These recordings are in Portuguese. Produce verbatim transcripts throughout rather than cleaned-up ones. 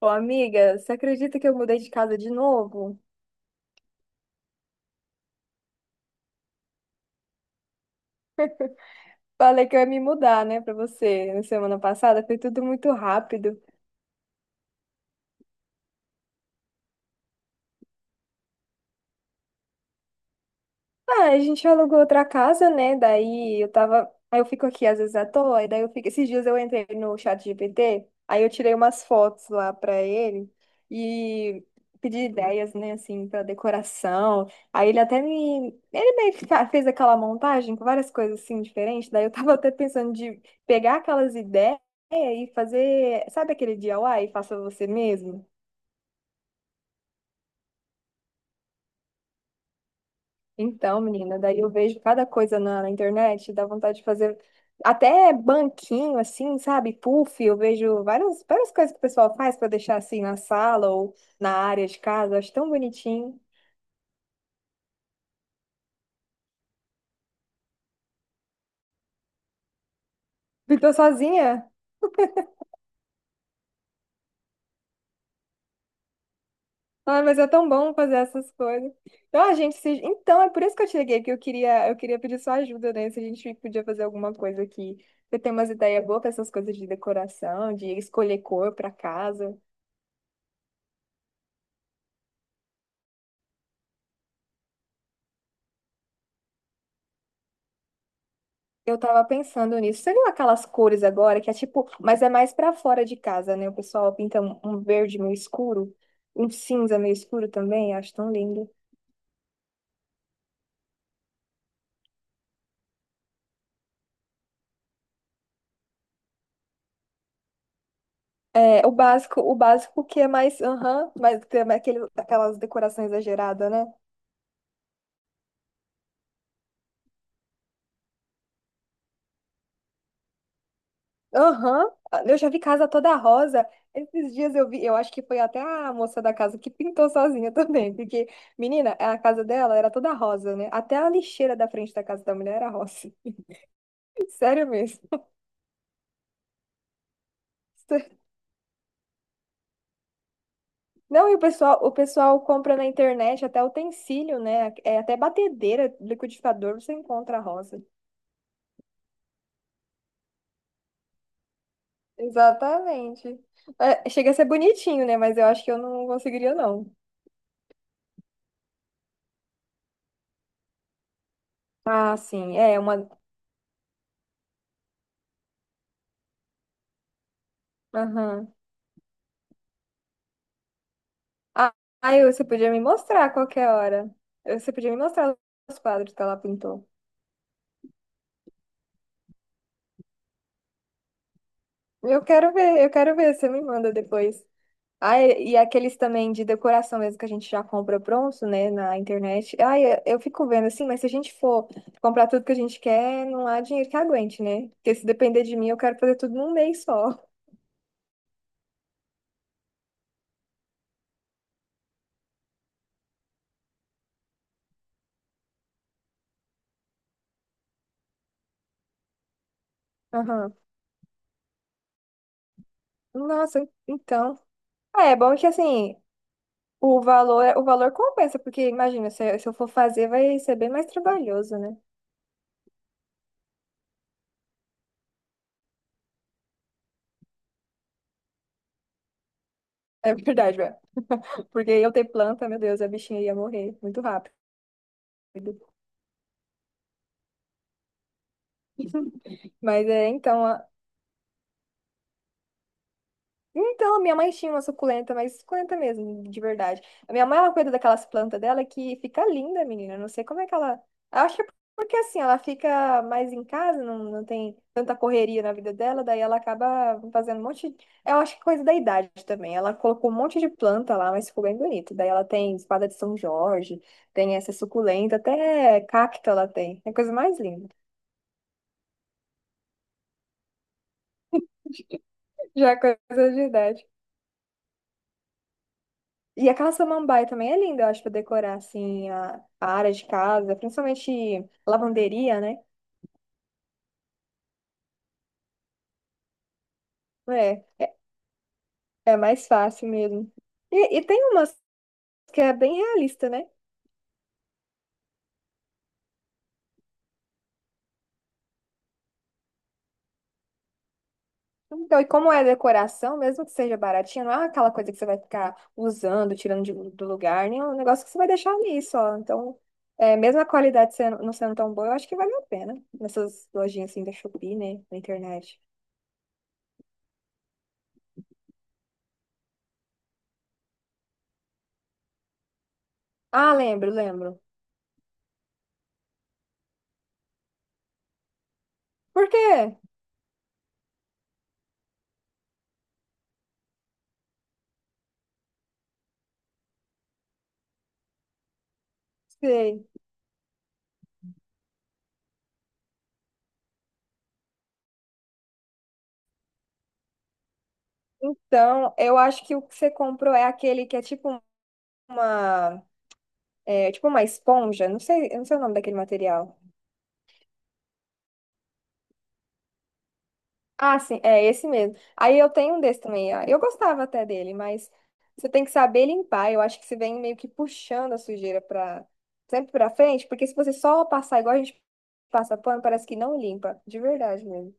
Ô, amiga, você acredita que eu mudei de casa de novo? Falei que eu ia me mudar, né, pra você na semana passada. Foi tudo muito rápido. Ah, a gente alugou outra casa, né? Daí eu tava. Aí eu fico aqui às vezes à toa, e daí eu fico. Esses dias eu entrei no chat G P T, aí eu tirei umas fotos lá pra ele e pedi ideias, né, assim, pra decoração. Aí ele até me. Ele meio que fa- fez aquela montagem com várias coisas assim diferentes. Daí eu tava até pensando de pegar aquelas ideias e fazer. Sabe aquele D I Y? Faça você mesmo? Então, menina, daí eu vejo cada coisa na, na internet, dá vontade de fazer até banquinho, assim, sabe? Puff, eu vejo várias, várias coisas que o pessoal faz para deixar assim na sala ou na área de casa, acho tão bonitinho. E tô sozinha? Ah, mas é tão bom fazer essas coisas. Então, a gente se... Então, é por isso que eu te liguei, porque eu queria, eu queria pedir sua ajuda, né? Se a gente podia fazer alguma coisa aqui. Você tem umas ideias boas para essas coisas de decoração, de escolher cor para casa. Eu tava pensando nisso. Você viu aquelas cores agora que é tipo, mas é mais pra fora de casa, né? O pessoal pinta um um verde meio escuro, um cinza meio escuro também, acho tão lindo. É, o básico, o básico que é mais, aham, mas que é mais aquele, aquelas decorações exageradas, né? Aham, eu já vi casa toda rosa. Esses dias eu vi, eu acho que foi até a moça da casa que pintou sozinha também, porque, menina, a casa dela era toda rosa, né? Até a lixeira da frente da casa da mulher era rosa. Sério mesmo. Não, e o pessoal, o pessoal compra na internet até utensílio, né? É, até batedeira, liquidificador, você encontra a rosa. Exatamente. É, chega a ser bonitinho, né? Mas eu acho que eu não conseguiria, não. Ah, sim, é uma. Aham. Ah, aí você podia me mostrar a qualquer hora. Você podia me mostrar os quadros que ela pintou. Eu quero ver, eu quero ver, você me manda depois. Ah, e e aqueles também de decoração mesmo que a gente já compra pronto, né, na internet. Ah, eu, eu fico vendo assim, mas se a gente for comprar tudo que a gente quer, não há dinheiro que aguente, né? Porque se depender de mim, eu quero fazer tudo num mês só. Aham. Nossa, então. Ah, é bom que assim, o valor, o valor compensa, porque imagina, se, se eu for fazer, vai ser bem mais trabalhoso, né? É verdade, velho. Porque eu ter planta, meu Deus, a bichinha ia morrer muito rápido. Mas é, então, Então, minha mãe tinha uma suculenta, mas suculenta mesmo, de verdade. A minha mãe, ela cuida daquelas plantas dela que fica linda, menina. Eu não sei como é que ela. Eu acho que é porque assim, ela fica mais em casa, não, não tem tanta correria na vida dela, daí ela acaba fazendo um monte. Eu acho que é coisa da idade também. Ela colocou um monte de planta lá, mas ficou bem bonito. Daí ela tem espada de São Jorge, tem essa suculenta, até cacto ela tem. É a coisa mais linda. Já é coisa de idade. E aquela samambaia também é linda, eu acho, pra decorar, assim, a, a área de casa, principalmente lavanderia, né? É, é mais fácil mesmo. E, e tem umas que é bem realista, né? Então, e como é decoração, mesmo que seja baratinha, não é aquela coisa que você vai ficar usando, tirando de- do lugar, nem é um negócio que você vai deixar ali só. Então, é, mesmo a qualidade sendo, não sendo tão boa, eu acho que vale a pena. Nessas lojinhas, assim, da Shopee, né? Na internet. Ah, lembro, lembro. Por quê? Sei. Então, eu acho que o que você comprou é aquele que é tipo uma, é, tipo uma esponja. Não sei, eu não sei o nome daquele material. Ah, sim, é esse mesmo. Aí eu tenho um desse também. ah, Eu gostava até dele, mas você tem que saber limpar. Eu acho que você vem meio que puxando a sujeira para sempre para frente, porque se você só passar igual a gente passa pano, parece que não limpa, de verdade mesmo.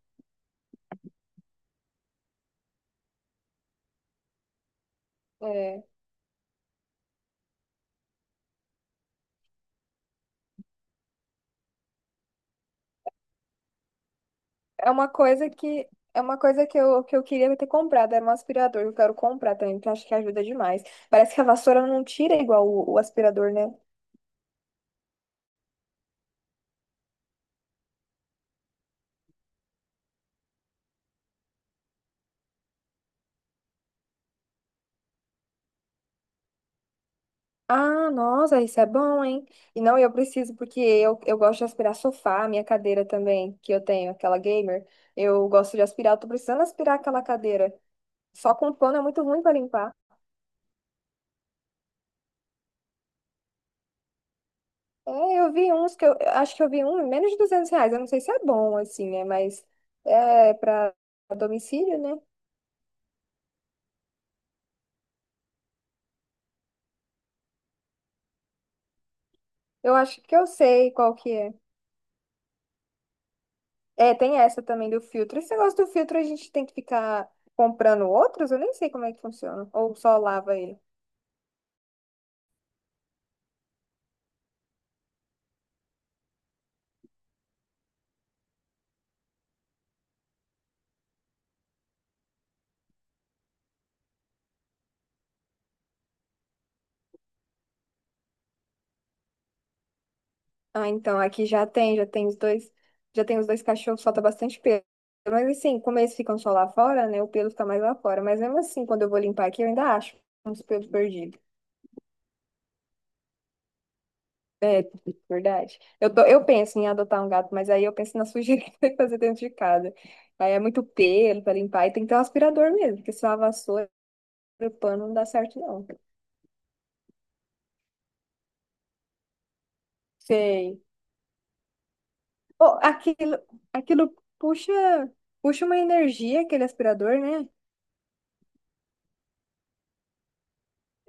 É. É uma coisa que é uma coisa que eu, que eu queria ter comprado, era um aspirador, eu quero comprar também, porque eu acho que ajuda demais. Parece que a vassoura não tira igual o, o aspirador, né? Ah, nossa, isso é bom, hein? E não, eu preciso, porque eu, eu gosto de aspirar sofá, minha cadeira também, que eu tenho, aquela gamer. Eu gosto de aspirar, eu tô precisando aspirar aquela cadeira. Só com pano é muito ruim pra limpar. É, eu vi uns que eu, eu acho que eu vi um, menos de duzentos reais. Eu não sei se é bom, assim, né? Mas é pra domicílio, né? Eu acho que eu sei qual que é. É, tem essa também do filtro. Esse negócio do filtro a gente tem que ficar comprando outros? Eu nem sei como é que funciona. Ou só lava ele. Ah, então, aqui já tem, já tem os dois, já tem os dois cachorros, solta bastante pelo. Mas assim, como eles ficam só lá fora, né? O pelo fica mais lá fora. Mas mesmo assim, quando eu vou limpar aqui, eu ainda acho uns pelos perdidos. É, verdade. Eu, tô, eu penso em adotar um gato, mas aí eu penso na sujeira que vai fazer dentro de casa. Aí é muito pelo para limpar e tem que ter um aspirador mesmo, porque se lava a vassoura. O pano não dá certo, não. Sei. Oh, aquilo, aquilo puxa, puxa uma energia, aquele aspirador, né?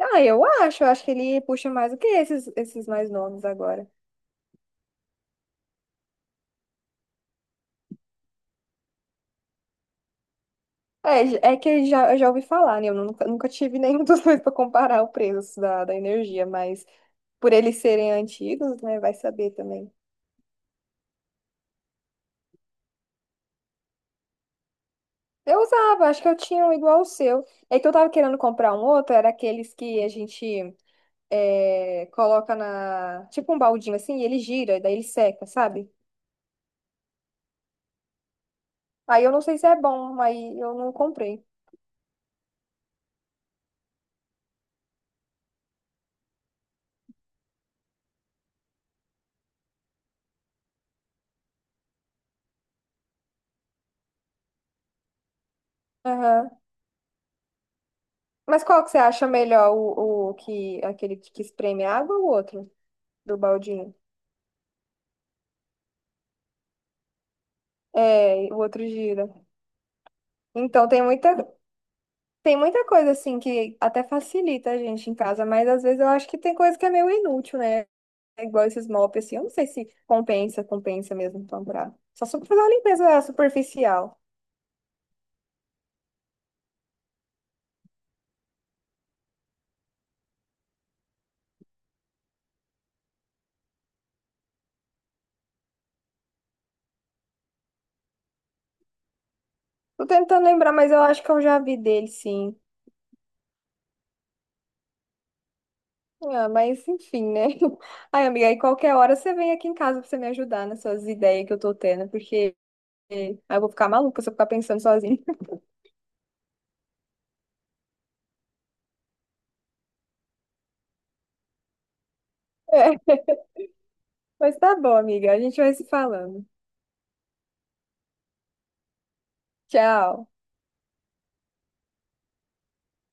Ah, eu acho, eu acho que ele puxa mais do que esses, esses mais novos agora. É, j- é que já, eu já ouvi falar, né? Eu nunca, nunca tive nenhum dos dois para comparar o preço da, da energia, mas por eles serem antigos, né? Vai saber também. Eu usava, acho que eu tinha um igual o seu. É que eu tava querendo comprar um outro, era aqueles que a gente é, coloca na, tipo um baldinho assim, e ele gira, e daí ele seca, sabe? Aí eu não sei se é bom, aí eu não comprei. Aham. Mas qual que você acha melhor, o, o que, aquele que espreme água ou o outro, do baldinho? É, o outro gira. Então tem muita, tem muita coisa assim que até facilita a gente em casa, mas às vezes eu acho que tem coisa que é meio inútil, né? É igual esses mops, assim, eu não sei se compensa, compensa mesmo comprar. Só só pra fazer uma limpeza superficial. Tô tentando lembrar, mas eu acho que eu já vi dele, sim. Ah, mas enfim, né? Ai, amiga, aí qualquer hora você vem aqui em casa pra você me ajudar nessas ideias que eu tô tendo, porque eh, aí eu vou ficar maluca se eu ficar pensando sozinha. É, mas tá bom, amiga. A gente vai se falando. Tchau.